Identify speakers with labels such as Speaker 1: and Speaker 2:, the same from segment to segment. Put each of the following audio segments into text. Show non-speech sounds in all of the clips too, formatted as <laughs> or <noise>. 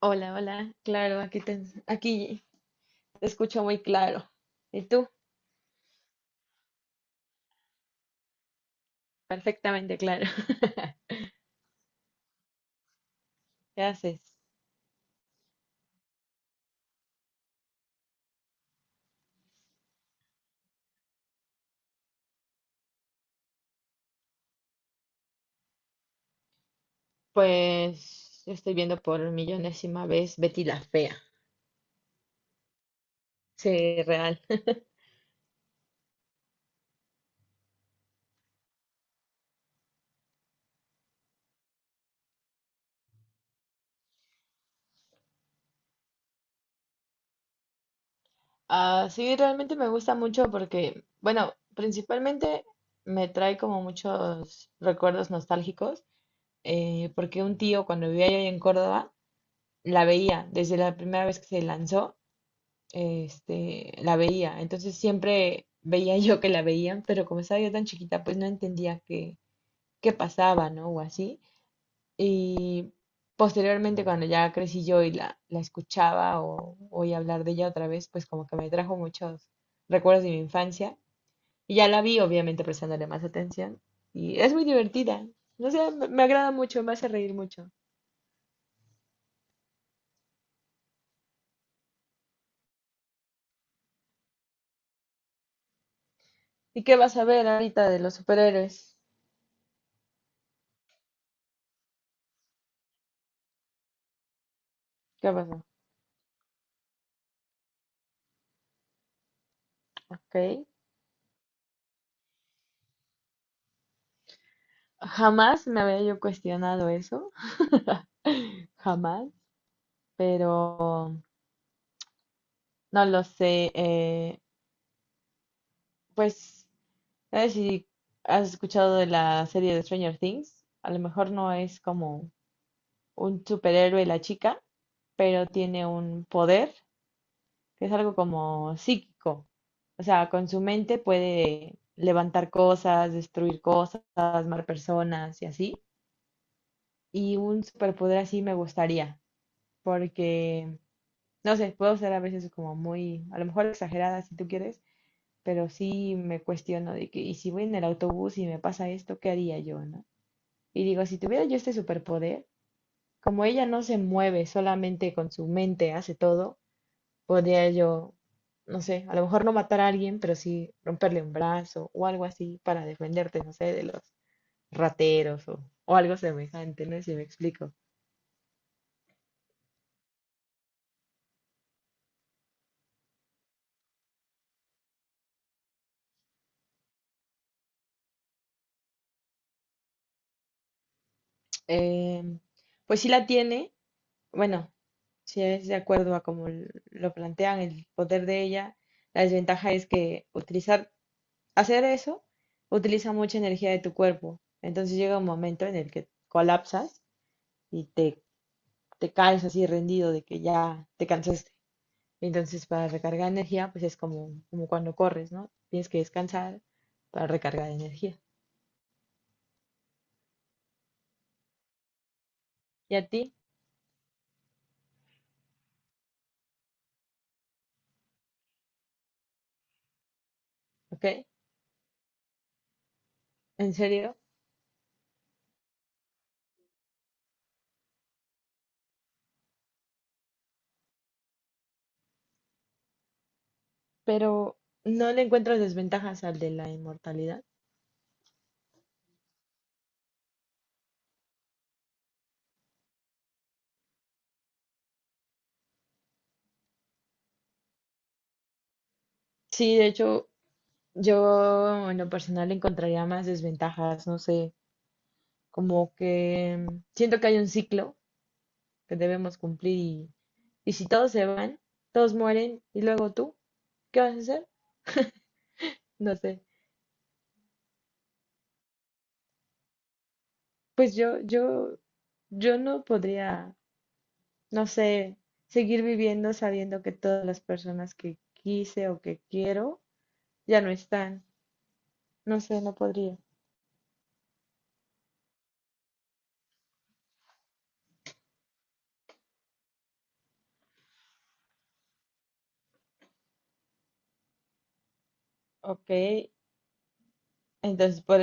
Speaker 1: Hola, hola. Claro, aquí te escucho muy claro. ¿Y tú? Perfectamente claro. <laughs> ¿Qué haces? Pues yo estoy viendo por millonésima vez Betty la Fea. Sí, real. <laughs> Ah, sí, realmente me gusta mucho porque, bueno, principalmente me trae como muchos recuerdos nostálgicos, porque un tío cuando vivía allá en Córdoba la veía desde la primera vez que se lanzó este, la veía. Entonces siempre veía <laughs> yo que la veían, pero como estaba yo tan chiquita, pues no entendía qué pasaba, ¿no? O así. Y posteriormente, cuando ya crecí yo y la escuchaba o oí hablar de ella otra vez, pues como que me trajo muchos recuerdos de mi infancia. Y ya la vi, obviamente, prestándole más atención. Y es muy divertida. No sé, me agrada mucho, me hace reír mucho. ¿Y qué vas a ver ahorita de los superhéroes? ¿Qué pasó? ¿Ok? Jamás me había yo cuestionado eso, <laughs> jamás, pero no lo sé. Pues, ¿sabes si has escuchado de la serie de Stranger Things? A lo mejor no es como un superhéroe la chica, pero tiene un poder que es algo como psíquico. O sea, con su mente puede levantar cosas, destruir cosas, mar personas y así. Y un superpoder así me gustaría, porque no sé, puedo ser a veces como muy, a lo mejor exagerada si tú quieres, pero sí me cuestiono de que, y si voy en el autobús y me pasa esto, ¿qué haría yo, no? Y digo, si tuviera yo este superpoder, como ella no se mueve, solamente con su mente hace todo, podría yo, no sé, a lo mejor no matar a alguien, pero sí romperle un brazo o algo así para defenderte, no sé, de los rateros o algo semejante, no sé si me explico. Em, pues sí la tiene, bueno, si es de acuerdo a como lo plantean, el poder de ella, la desventaja es que utilizar, hacer eso, utiliza mucha energía de tu cuerpo. Entonces llega un momento en el que colapsas y te caes así rendido de que ya te cansaste. Entonces para recargar energía, pues es como, como cuando corres, ¿no? Tienes que descansar para recargar energía. ¿Y a ti? ¿Ok? ¿En serio? Pero no le encuentras desventajas al de la inmortalidad. Sí, de hecho, yo en lo personal le encontraría más desventajas, no sé, como que siento que hay un ciclo que debemos cumplir y si todos se van, todos mueren y luego tú, ¿qué vas a hacer? No sé. Pues yo no podría, no sé, seguir viviendo sabiendo que todas las personas que quise o que quiero ya no están. No sé, no podría. Ok, entonces,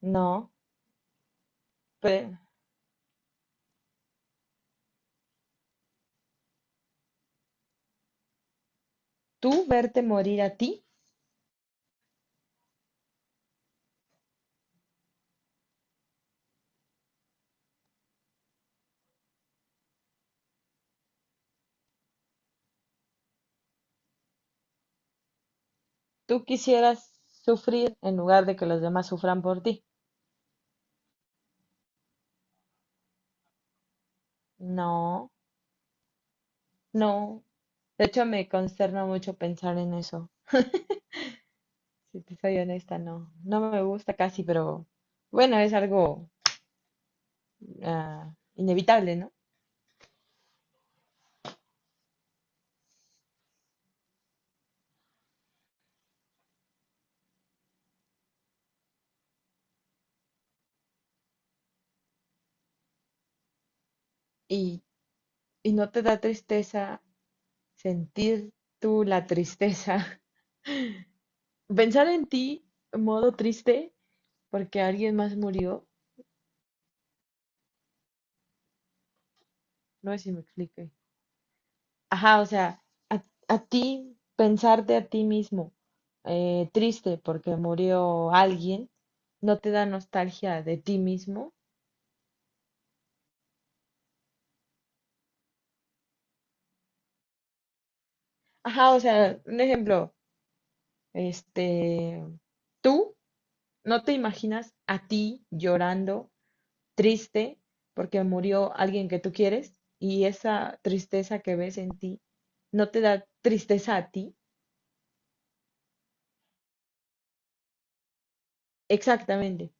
Speaker 1: no, pero tú verte morir a ti. Tú quisieras sufrir en lugar de que los demás sufran por ti. No, no. De hecho, me consterna mucho pensar en eso. Si te soy honesta, no. No me gusta casi, pero bueno, es algo inevitable, ¿no? Y, y no te da tristeza sentir tú la tristeza. <laughs> Pensar en ti en modo triste porque alguien más murió, no sé si me explique. Ajá, o sea, a ti, pensarte a ti mismo triste porque murió alguien, no te da nostalgia de ti mismo. Ajá, o sea, un ejemplo, este, tú no te imaginas a ti llorando, triste, porque murió alguien que tú quieres y esa tristeza que ves en ti no te da tristeza a ti. Exactamente.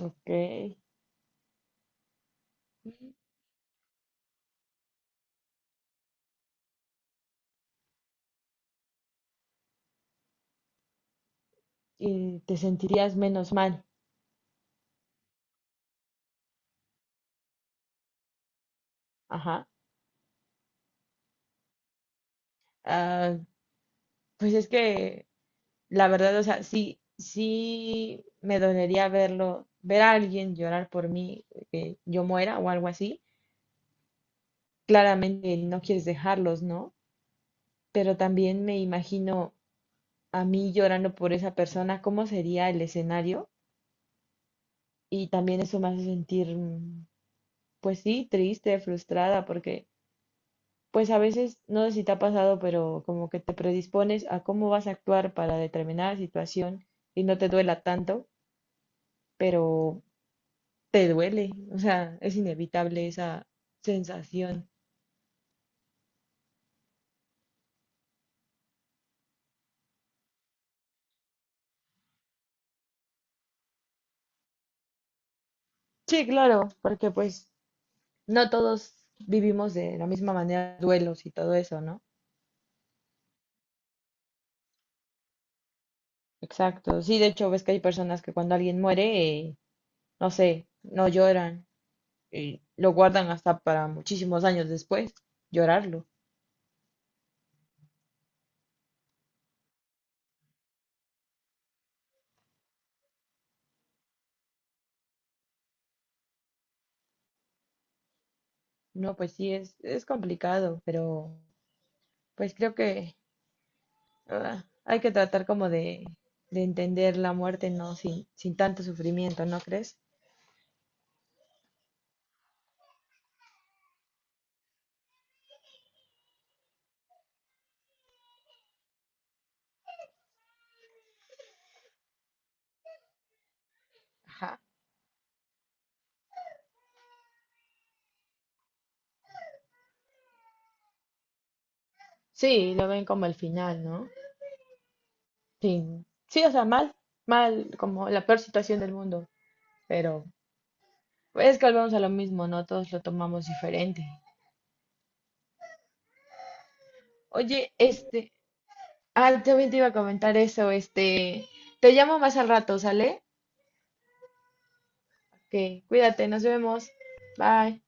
Speaker 1: Ok. Y te sentirías menos mal. Ajá. Ah, pues es que la verdad, o sea, sí, sí me dolería verlo, ver a alguien llorar por mí, que yo muera o algo así. Claramente no quieres dejarlos, ¿no? Pero también me imagino a mí llorando por esa persona, cómo sería el escenario. Y también eso me hace sentir, pues sí, triste, frustrada, porque pues a veces, no sé si te ha pasado, pero como que te predispones a cómo vas a actuar para determinada situación y no te duela tanto. Pero te duele, o sea, es inevitable esa sensación. Sí, claro, porque pues no todos vivimos de la misma manera duelos y todo eso, ¿no? Exacto, sí, de hecho ves que hay personas que cuando alguien muere, no sé, no lloran y lo guardan hasta para muchísimos años después, llorarlo. No, pues sí, es complicado, pero pues creo que hay que tratar como de entender la muerte, ¿no? Sin tanto sufrimiento, ¿no crees? Ajá. Sí, lo ven como el final, ¿no? Sí, sí, o sea, mal, mal, como la peor situación del mundo, pero es que volvemos a lo mismo, ¿no? Todos lo tomamos diferente. Oye, este, también te iba a comentar eso, este, te llamo más al rato, ¿sale? Que cuídate, nos vemos. Bye.